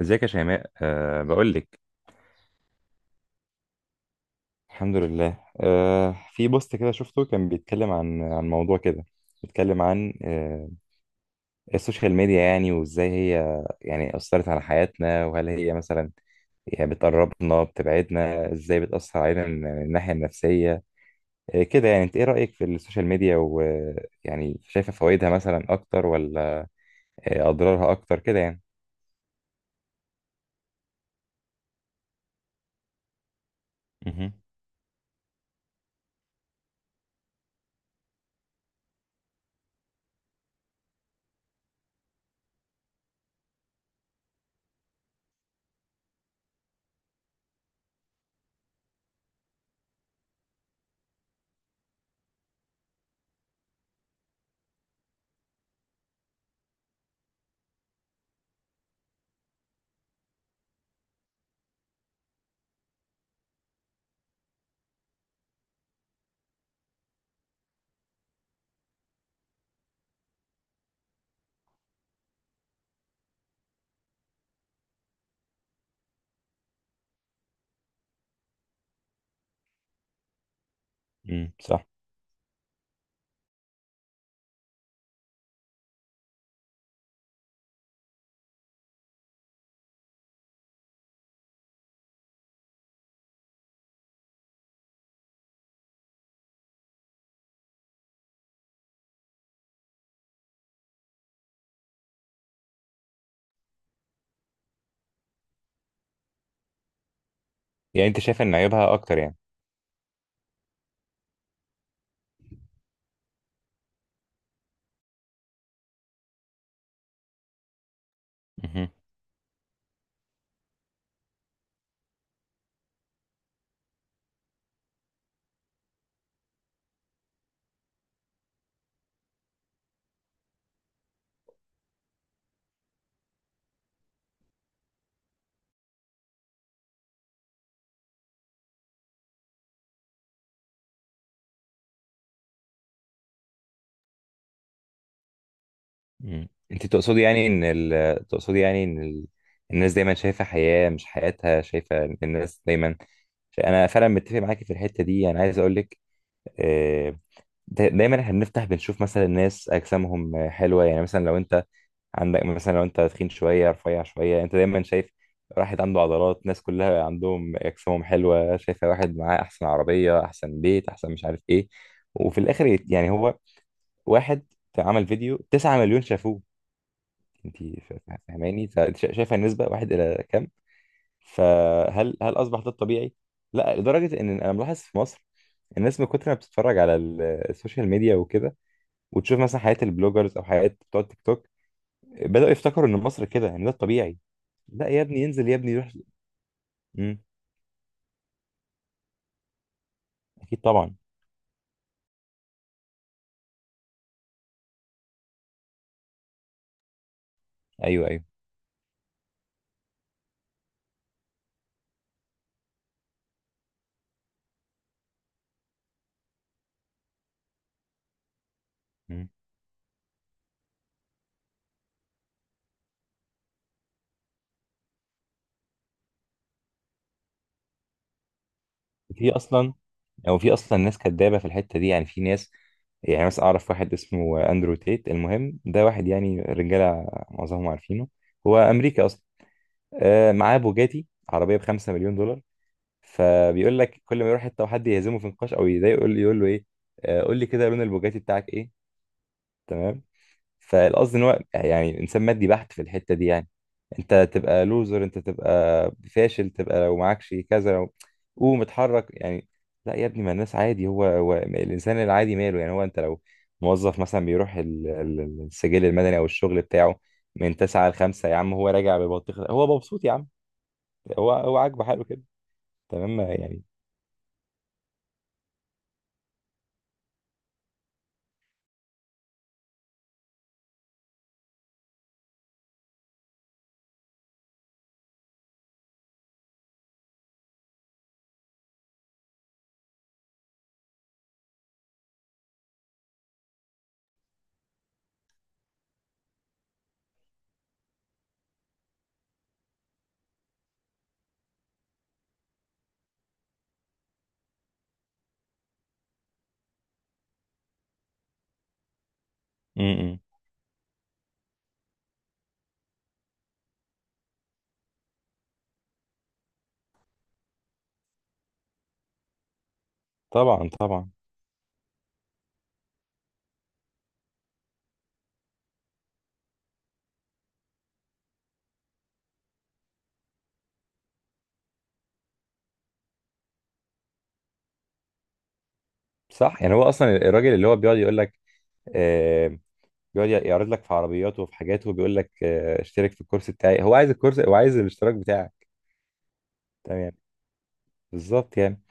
ازيك يا شيماء، بقول لك. الحمد لله. في بوست كده شفته كان بيتكلم عن موضوع كده، بيتكلم عن السوشيال ميديا، يعني وازاي هي يعني أثرت على حياتنا، وهل هي مثلا يعني بتقربنا بتبعدنا، ازاي بتأثر علينا من الناحية النفسية، كده. يعني انت ايه رأيك في السوشيال ميديا؟ ويعني شايفة فوائدها مثلا اكتر، ولا اضرارها اكتر كده يعني؟ امم. صح. يعني انت شايفة ان عيوبها اكتر، يعني؟ مم. انت تقصدي يعني ان الناس دايما شايفه حياه مش حياتها، شايفه الناس دايما. انا فعلا متفق معاكي في الحته دي. انا عايز اقول لك، آه، دايما احنا بنفتح بنشوف مثلا الناس اجسامهم حلوه. يعني مثلا لو انت عندك مثلا، لو انت تخين شويه، رفيع شويه، انت دايما شايف واحد عنده عضلات، ناس كلها عندهم اجسامهم حلوه، شايفه واحد معاه احسن عربيه، احسن بيت، احسن مش عارف ايه. وفي الاخر يعني هو واحد عمل فيديو 9 مليون شافوه. انت فاهماني؟ فانت شايفه النسبه واحد الى كام؟ فهل اصبح ده الطبيعي؟ لا، لدرجه ان انا ملاحظ في مصر الناس من كتر ما بتتفرج على السوشيال ميديا وكده، وتشوف مثلا حياه البلوجرز او حياه بتوع التيك توك، بداوا يفتكروا ان مصر كده، ان ده الطبيعي. لا يا ابني ينزل يا ابني يروح. امم. اكيد طبعا. ايوه ايوه. مم. في اصلا، او في اصلا ناس كدابه في الحته دي. يعني في ناس، يعني مثلا اعرف واحد اسمه اندرو تيت، المهم ده واحد يعني رجاله معظمهم عارفينه، هو امريكا اصلا، معاه بوجاتي عربيه بـ5 مليون دولار. فبيقول لك كل ما يروح حته وحد يهزمه في نقاش او يضايقه يقول له ايه، قول لي كده لون البوجاتي بتاعك ايه. تمام. فالقصد ان هو يعني انسان مادي بحت في الحته دي، يعني انت تبقى لوزر، انت تبقى فاشل، تبقى لو معكش كذا، لو قوم اتحرك يعني. لا يا ابني، ما الناس عادي. هو الانسان العادي ماله يعني، هو انت لو موظف مثلا، بيروح السجل المدني او الشغل بتاعه من 9 ل 5، يا عم هو راجع ببطيخ، هو مبسوط يا عم. هو هو عاجبه حاله كده. تمام يعني. امم. طبعا طبعا. صح. يعني هو اصلا الراجل اللي هو بيقعد يقول لك، آه بيقعد يعرض لك في عربياته وفي حاجاته وبيقول لك آه اشترك في الكورس بتاعي. هو عايز الكورس، هو عايز الاشتراك بتاعك. تمام يعني. بالظبط يعني.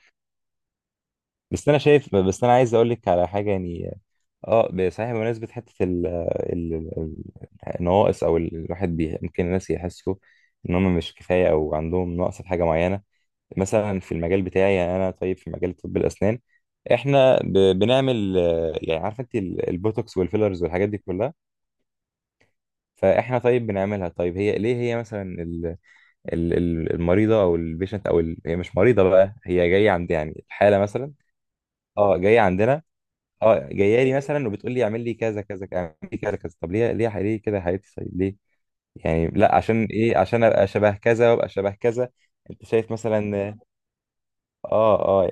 بس انا شايف، بس انا عايز اقول لك على حاجه يعني. اه صحيح بمناسبه حته ال ال- النواقص او الواحد بي، ممكن الناس يحسوا ان هم مش كفايه او عندهم نقص في حاجه معينه. مثلا في المجال بتاعي، يعني انا طيب في مجال طب الاسنان احنا بنعمل يعني عارفه انت البوتوكس والفيلرز والحاجات دي كلها. فاحنا طيب بنعملها. طيب هي ليه، هي مثلا المريضه او البيشنت هي مش مريضه بقى، هي جايه عند يعني الحاله مثلا. اه جايه عندنا. اه جايه لي مثلا، وبتقول لي اعمل لي كذا كذا كذا، اعمل لي كذا كذا. طب ليه، ليه كده يا حبيبتي؟ طيب ليه يعني؟ لا، عشان ايه؟ عشان ابقى شبه كذا وابقى شبه كذا. انت شايف مثلا. اه اه.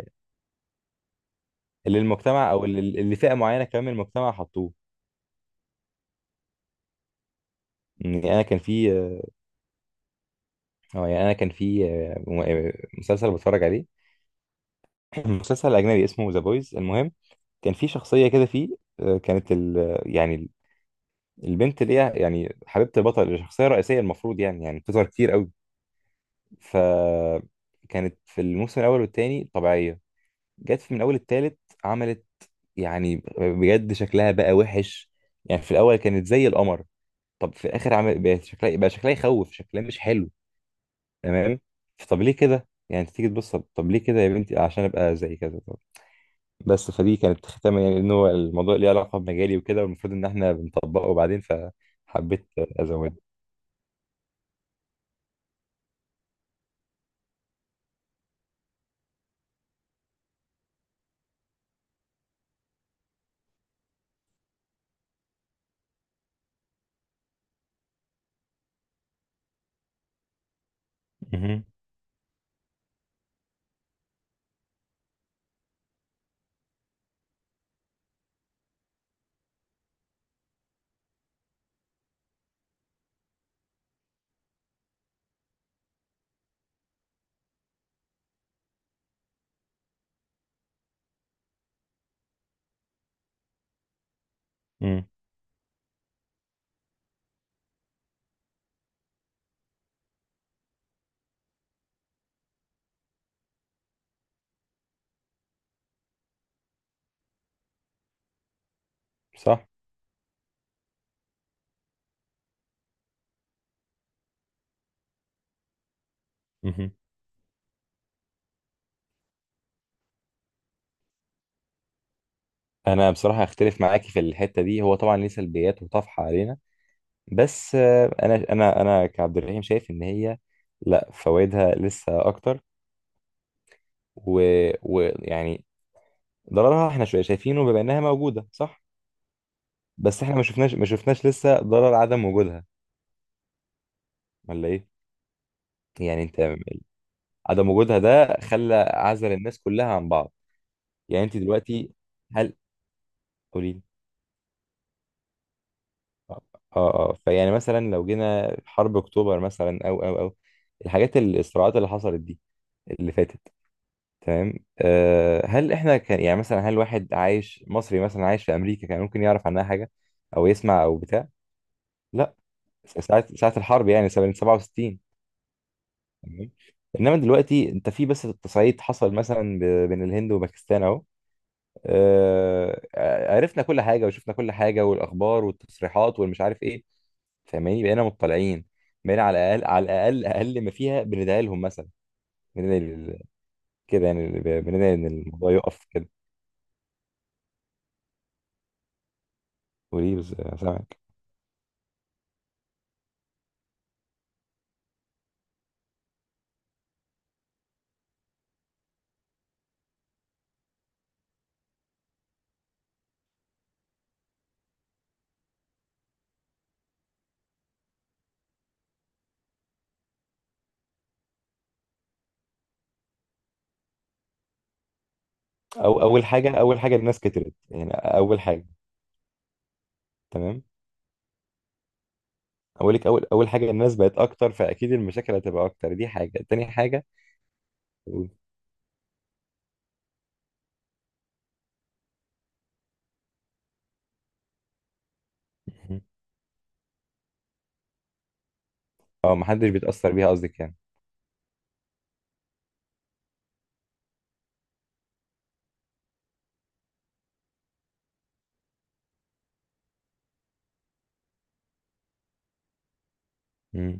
اللي المجتمع، او اللي فئه معينه كمان من المجتمع حطوه. يعني انا كان في، اه يعني انا كان في مسلسل بتفرج عليه. مسلسل اجنبي اسمه ذا بويز، المهم كان في شخصيه كده فيه، كانت ال يعني البنت اللي هي يعني حبيبه البطل، الشخصيه الرئيسيه، المفروض يعني بتظهر كتير قوي. ف كانت في الموسم الاول والتاني طبيعيه، جت في من اول التالت عملت، يعني بجد شكلها بقى وحش. يعني في الاول كانت زي القمر، طب في الاخر عمل بقى شكلها، بقى شكلها يخوف، شكلها مش حلو. تمام. طب ليه كده يعني؟ انت تيجي تبص، طب طب ليه كده يا بنتي؟ عشان ابقى زي كذا. طب. بس فدي كانت ختامه يعني، ان هو الموضوع ليه علاقه بمجالي وكده، والمفروض ان احنا بنطبقه بعدين، فحبيت ازود. مهم. مم. صح. مهم. انا بصراحه اختلف معاكي في الحته دي. هو طبعا ليه سلبيات وطفحه علينا، بس انا كعبد الرحيم شايف ان هي لا فوائدها لسه اكتر، ويعني ويعني ضررها احنا شوية شايفينه بما انها موجودة، صح؟ بس احنا ما شفناش، لسه ضرر عدم وجودها، ولا ايه؟ يعني انت، عدم وجودها ده خلى عزل الناس كلها عن بعض. يعني انت دلوقتي، هل... قولي لي. اه اه فيعني مثلا لو جينا حرب اكتوبر مثلا او الحاجات الصراعات اللي حصلت دي اللي فاتت. تمام. أه هل احنا كان يعني مثلا، هل واحد عايش مصري مثلا عايش في امريكا كان ممكن يعرف عنها حاجة او يسمع او بتاع؟ لا. ساعة الحرب يعني سنة 67. تمام. انما دلوقتي انت في، بس التصعيد حصل مثلا بين الهند وباكستان اهو، عرفنا كل حاجه وشفنا كل حاجه، والاخبار والتصريحات والمش عارف ايه. فاهماني؟ بقينا مطلعين، بقينا على الاقل، على الاقل اقل ما فيها بندعي لهم مثلا. بندعي لل- كده يعني، بندعي ان الموضوع يقف كده. وليه بس؟ سامعك. او اول حاجه الناس كترت يعني، اول حاجه. تمام. اولك اول حاجه الناس بقت اكتر، فاكيد المشاكل هتبقى اكتر. دي حاجه. تاني حاجه. اه محدش بيتأثر بيها قصدك يعني؟ مم.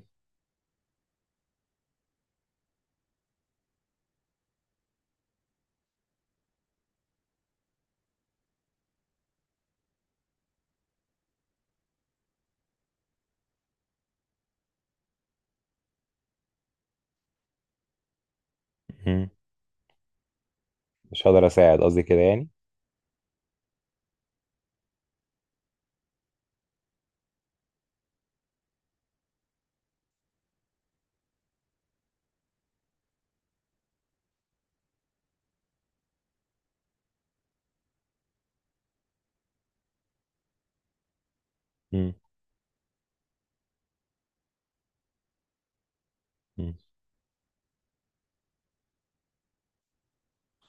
مم. مش هقدر اساعد قصدي كده يعني. مم. مم.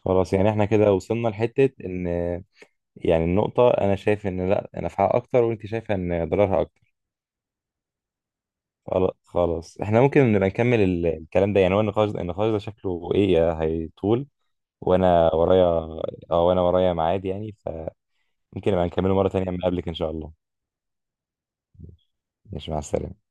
خلاص يعني احنا كده وصلنا لحتة ان، يعني النقطة انا شايف ان لا نفعها اكتر، وانت شايفة ان ضررها اكتر. خلاص، احنا ممكن نبقى نكمل الكلام ده يعني. هو النقاش ده، النقاش ده شكله ايه، هيطول، وانا ورايا. اه وانا ورايا ميعاد يعني، فممكن نبقى نكمله مرة تانية لما اقابلك ان شاء الله. ماشي مع السلامة.